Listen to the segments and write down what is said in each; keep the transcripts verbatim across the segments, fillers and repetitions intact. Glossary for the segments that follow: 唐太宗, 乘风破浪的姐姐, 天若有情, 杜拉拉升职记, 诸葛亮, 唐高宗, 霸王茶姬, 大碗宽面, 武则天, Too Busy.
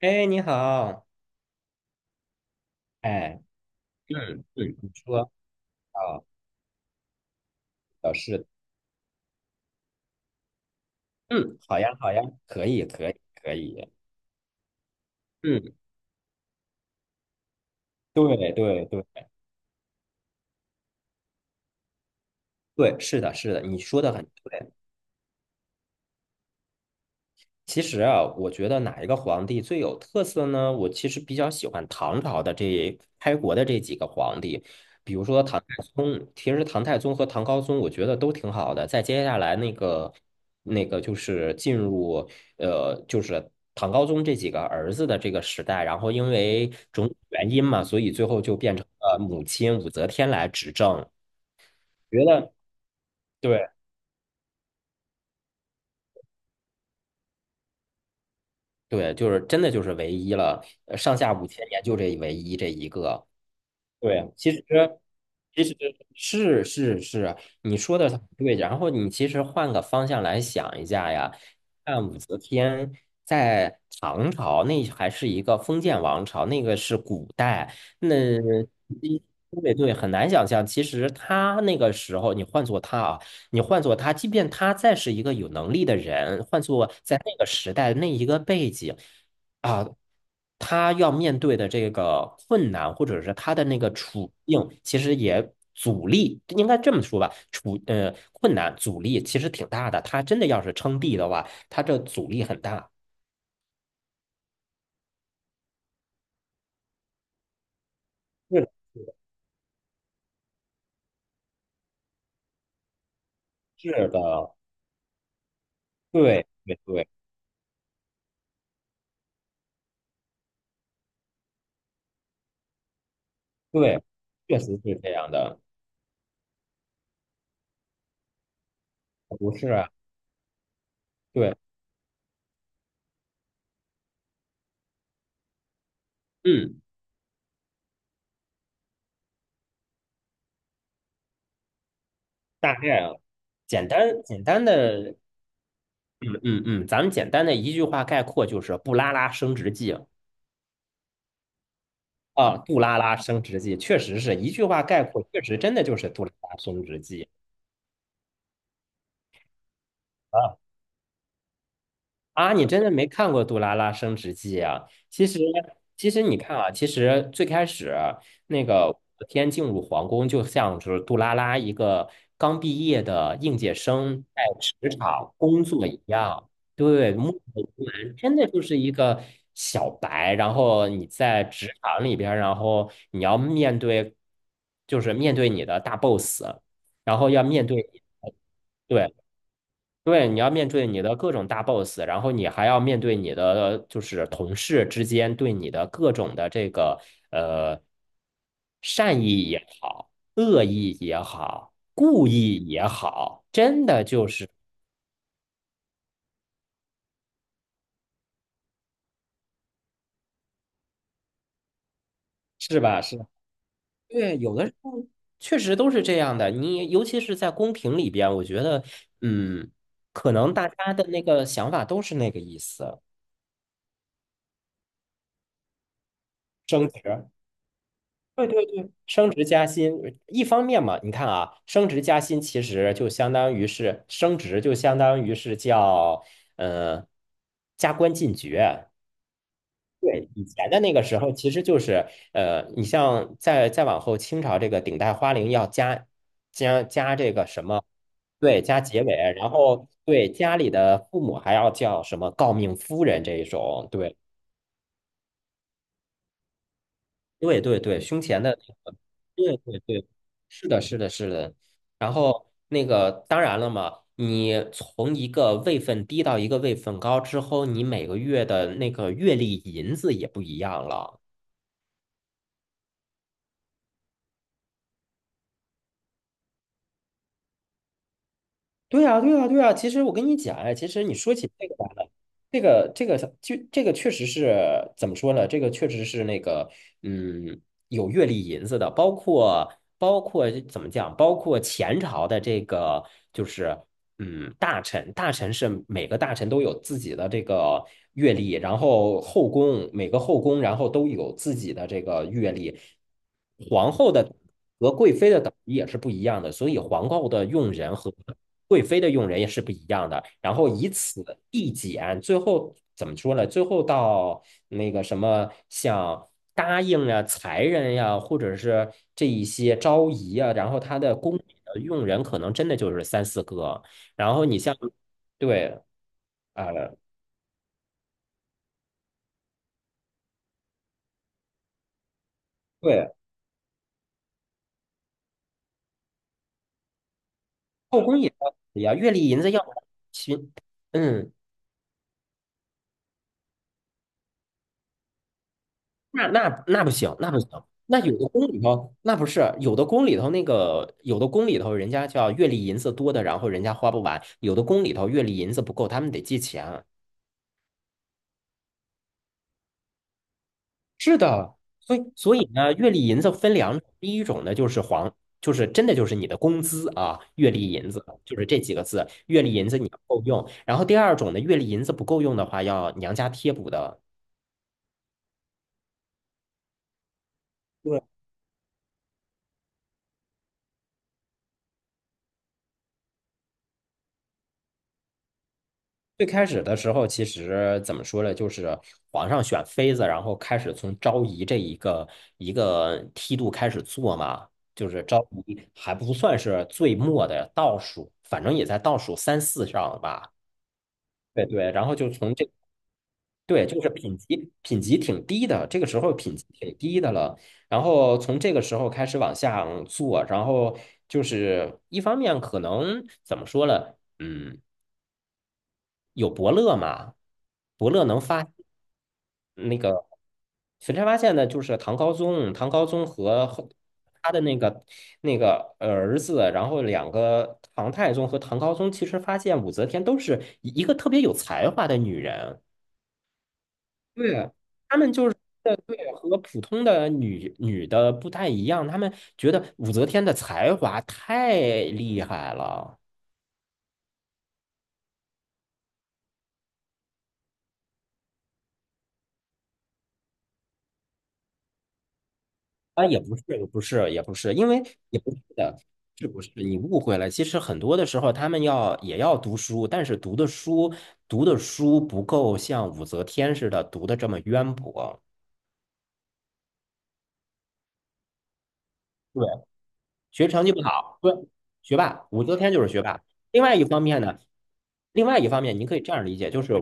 哎，你好，哎，嗯嗯你说啊，表示，嗯，好呀，好呀，可以，可以，可以，嗯，对，对，对，对，是的，是的，你说的很对，其实啊，我觉得哪一个皇帝最有特色呢？我其实比较喜欢唐朝的这开国的这几个皇帝，比如说唐太宗。其实唐太宗和唐高宗，我觉得都挺好的。在接下来那个那个就是进入呃，就是唐高宗这几个儿子的这个时代，然后因为种种原因嘛，所以最后就变成了母亲武则天来执政。觉得对对，就是真的就是唯一了，呃上下五千年就这唯一这一个。对啊，其实其实是是是啊，你说的对。然后你其实换个方向来想一下呀，看武则天在唐朝那还是一个封建王朝，那个是古代，那对对，很难想象。其实他那个时候，你换做他啊，你换做他，即便他再是一个有能力的人，换做在那个时代那一个背景。啊，他要面对的这个困难，或者是他的那个处境，其实也阻力，应该这么说吧，处呃困难阻力其实挺大的。他真的要是称帝的话，他这阻力很大。是的，是的，对对对对，确实是这样的，不是啊，对，嗯，大概啊，简单简单的，嗯嗯嗯，咱们简单的一句话概括就是布拉拉升职记。啊，杜拉拉升职记确实是一句话概括，确实真的就是杜拉拉升职记啊。啊，你真的没看过《杜拉拉升职记》啊？其实，其实你看啊，其实最开始那个武则天进入皇宫，就像是杜拉拉一个刚毕业的应届生在职场工作一样。对，目头不完，真的就是一个小白。然后你在职场里边儿然后你要面对，就是面对你的大 boss，然后要面对，对，对，你要面对你的各种大 boss，然后你还要面对你的就是同事之间对你的各种的这个呃善意也好，恶意也好，故意也好，真的就是是吧？是吧，对，有的时候确实都是这样的。你尤其是在公屏里边，我觉得嗯，可能大家的那个想法都是那个意思，争执。对对对，升职加薪，一方面嘛，你看啊，升职加薪其实就相当于是升职，就相当于是叫嗯呃加官进爵。对，以前的那个时候，其实就是呃，你像再再往后，清朝这个顶戴花翎要加加加这个什么，对，加结尾，然后对家里的父母还要叫什么诰命夫人这一种，对。对对对，胸前的那个，对对对，是的，是的，是的。然后那个，当然了嘛，你从一个位分低到一个位分高之后，你每个月的那个月历银子也不一样了。对呀，对呀，对呀。其实我跟你讲，哎，其实你说起这个来了，这个这个就这个确实是怎么说呢？这个确实是那个嗯，有月历银子的，包括包括怎么讲？包括前朝的这个就是。嗯，大臣，大臣是每个大臣都有自己的这个阅历，然后后宫每个后宫，然后都有自己的这个阅历。皇后的和贵妃的等级也是不一样的，所以皇后的用人和贵妃的用人也是不一样的。然后以此递减，最后怎么说呢？最后到那个什么，像答应啊、才人呀、或者是这一些昭仪啊，然后他的宫里的用人可能真的就是三四个。然后你像，对，啊、呃对，后宫也要也要月例银子要行，嗯，那那那不行，那不行。那有的宫里头，那不是有的宫里头那个，有的宫里头人家叫月例银子多的，然后人家花不完；有的宫里头月例银子不够，他们得借钱。是的，所以所以呢，月例银子分两种，第一种呢就是黄，就是真的就是你的工资啊，月例银子就是这几个字，月例银子你要够用。然后第二种呢，月例银子不够用的话，要娘家贴补的。对，最开始的时候，其实怎么说呢，就是皇上选妃子，然后开始从昭仪这一个一个梯度开始做嘛，就是昭仪还不算是最末的倒数，反正也在倒数三四上吧。对对，然后就从这对，就是品级品级挺低的，这个时候品级挺低的了。然后从这个时候开始往下做，然后就是一方面可能怎么说呢？嗯，有伯乐嘛，伯乐能发那个沈山发现呢，就是唐高宗，唐高宗和和他的那个那个儿子，然后两个唐太宗和唐高宗，其实发现武则天都是一一个特别有才华的女人。对，他们就是呃对，和普通的女女的不太一样，他们觉得武则天的才华太厉害了啊，也不是，也不是，也不是，因为也不是的，是不是？你误会了。其实很多的时候，他们要也要读书，但是读的书读的书不够像武则天似的读的这么渊博。对。学习成绩不好，对，学霸，武则天就是学霸。另外一方面呢，另外一方面，您可以这样理解，就是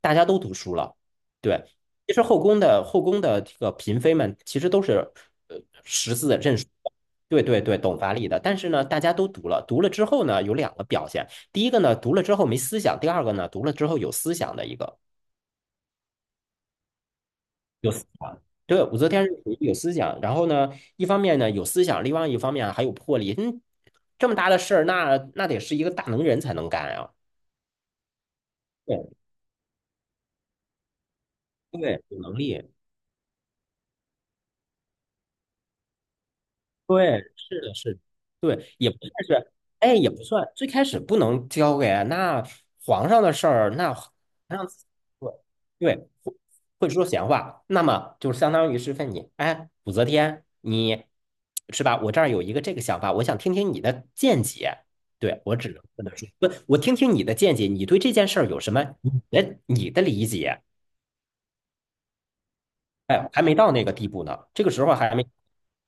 大家都读书了，对。其实后宫的后宫的这个嫔妃们，其实都是呃识字认书的对对对，懂法理的。但是呢，大家都读了，读了之后呢，有两个表现：第一个呢，读了之后没思想；第二个呢，读了之后有思想的一个。有思想。对，武则天是属于有思想，然后呢，一方面呢有思想，另外一方面啊还有魄力。嗯，这么大的事儿，那那得是一个大能人才能干啊。对对，有能力。对，是的，是的，对，也不算是，哎，也不算，最开始不能交给啊那皇上的事儿，那皇上对对会会说闲话，那么就相当于是问你，哎，武则天，你是吧？我这儿有一个这个想法，我想听听你的见解。对，我只能跟他说，不，我听听你的见解，你对这件事儿有什么你的你的理解？哎，还没到那个地步呢，这个时候还没，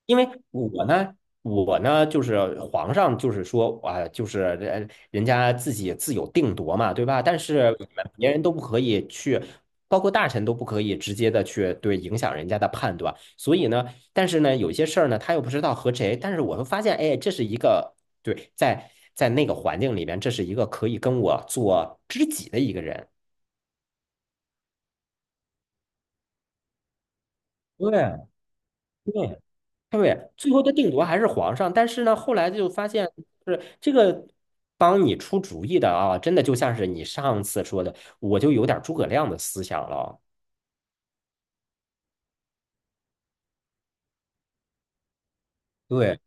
因为我呢，我呢就是皇上，就是说啊，就是人人家自己自有定夺嘛，对吧？但是别人都不可以去，包括大臣都不可以直接的去对影响人家的判断。所以呢，但是呢，有些事儿呢，他又不知道和谁，但是我会发现，哎，这是一个对，在在那个环境里边，这是一个可以跟我做知己的一个人。对对，对，最后的定夺还是皇上，但是呢，后来就发现是这个帮你出主意的啊，真的就像是你上次说的，我就有点诸葛亮的思想了。对，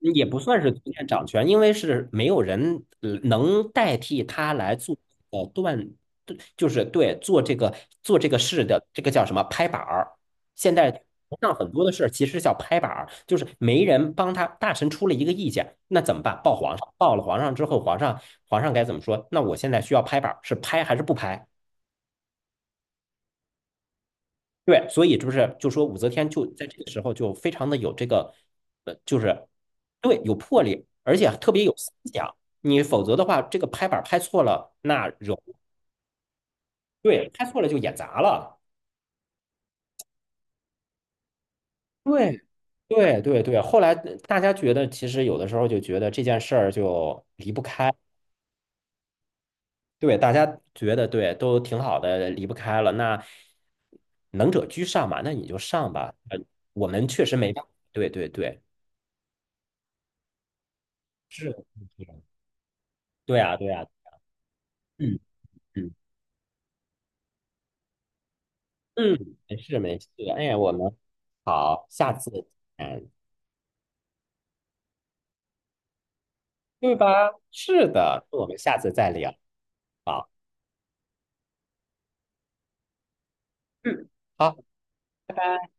也不算是逐渐掌权，因为是没有人呃能代替他来做呃断，对就是对做这个做这个事的这个叫什么拍板儿。现在上很多的事儿其实叫拍板儿，就是没人帮他，大臣出了一个意见，那怎么办？报皇上，报了皇上之后，皇上皇上该怎么说？那我现在需要拍板儿，是拍还是不拍？对，所以不是就说武则天就在这个时候就非常的有这个，呃，就是对有魄力，而且特别有思想。你否则的话，这个拍板儿拍错了，那容对拍错了就演砸了。对对对对，后来呃大家觉得，其实有的时候就觉得这件事儿就离不开，对大家觉得对都挺好的，离不开了。那能者居上嘛，那你就上吧。呃，我们确实没办法。对对对，是，对啊对啊。嗯嗯嗯，没事没事，哎呀，我们好，下次见，对吧？是的，那我们下次再聊。好，嗯，好，拜拜。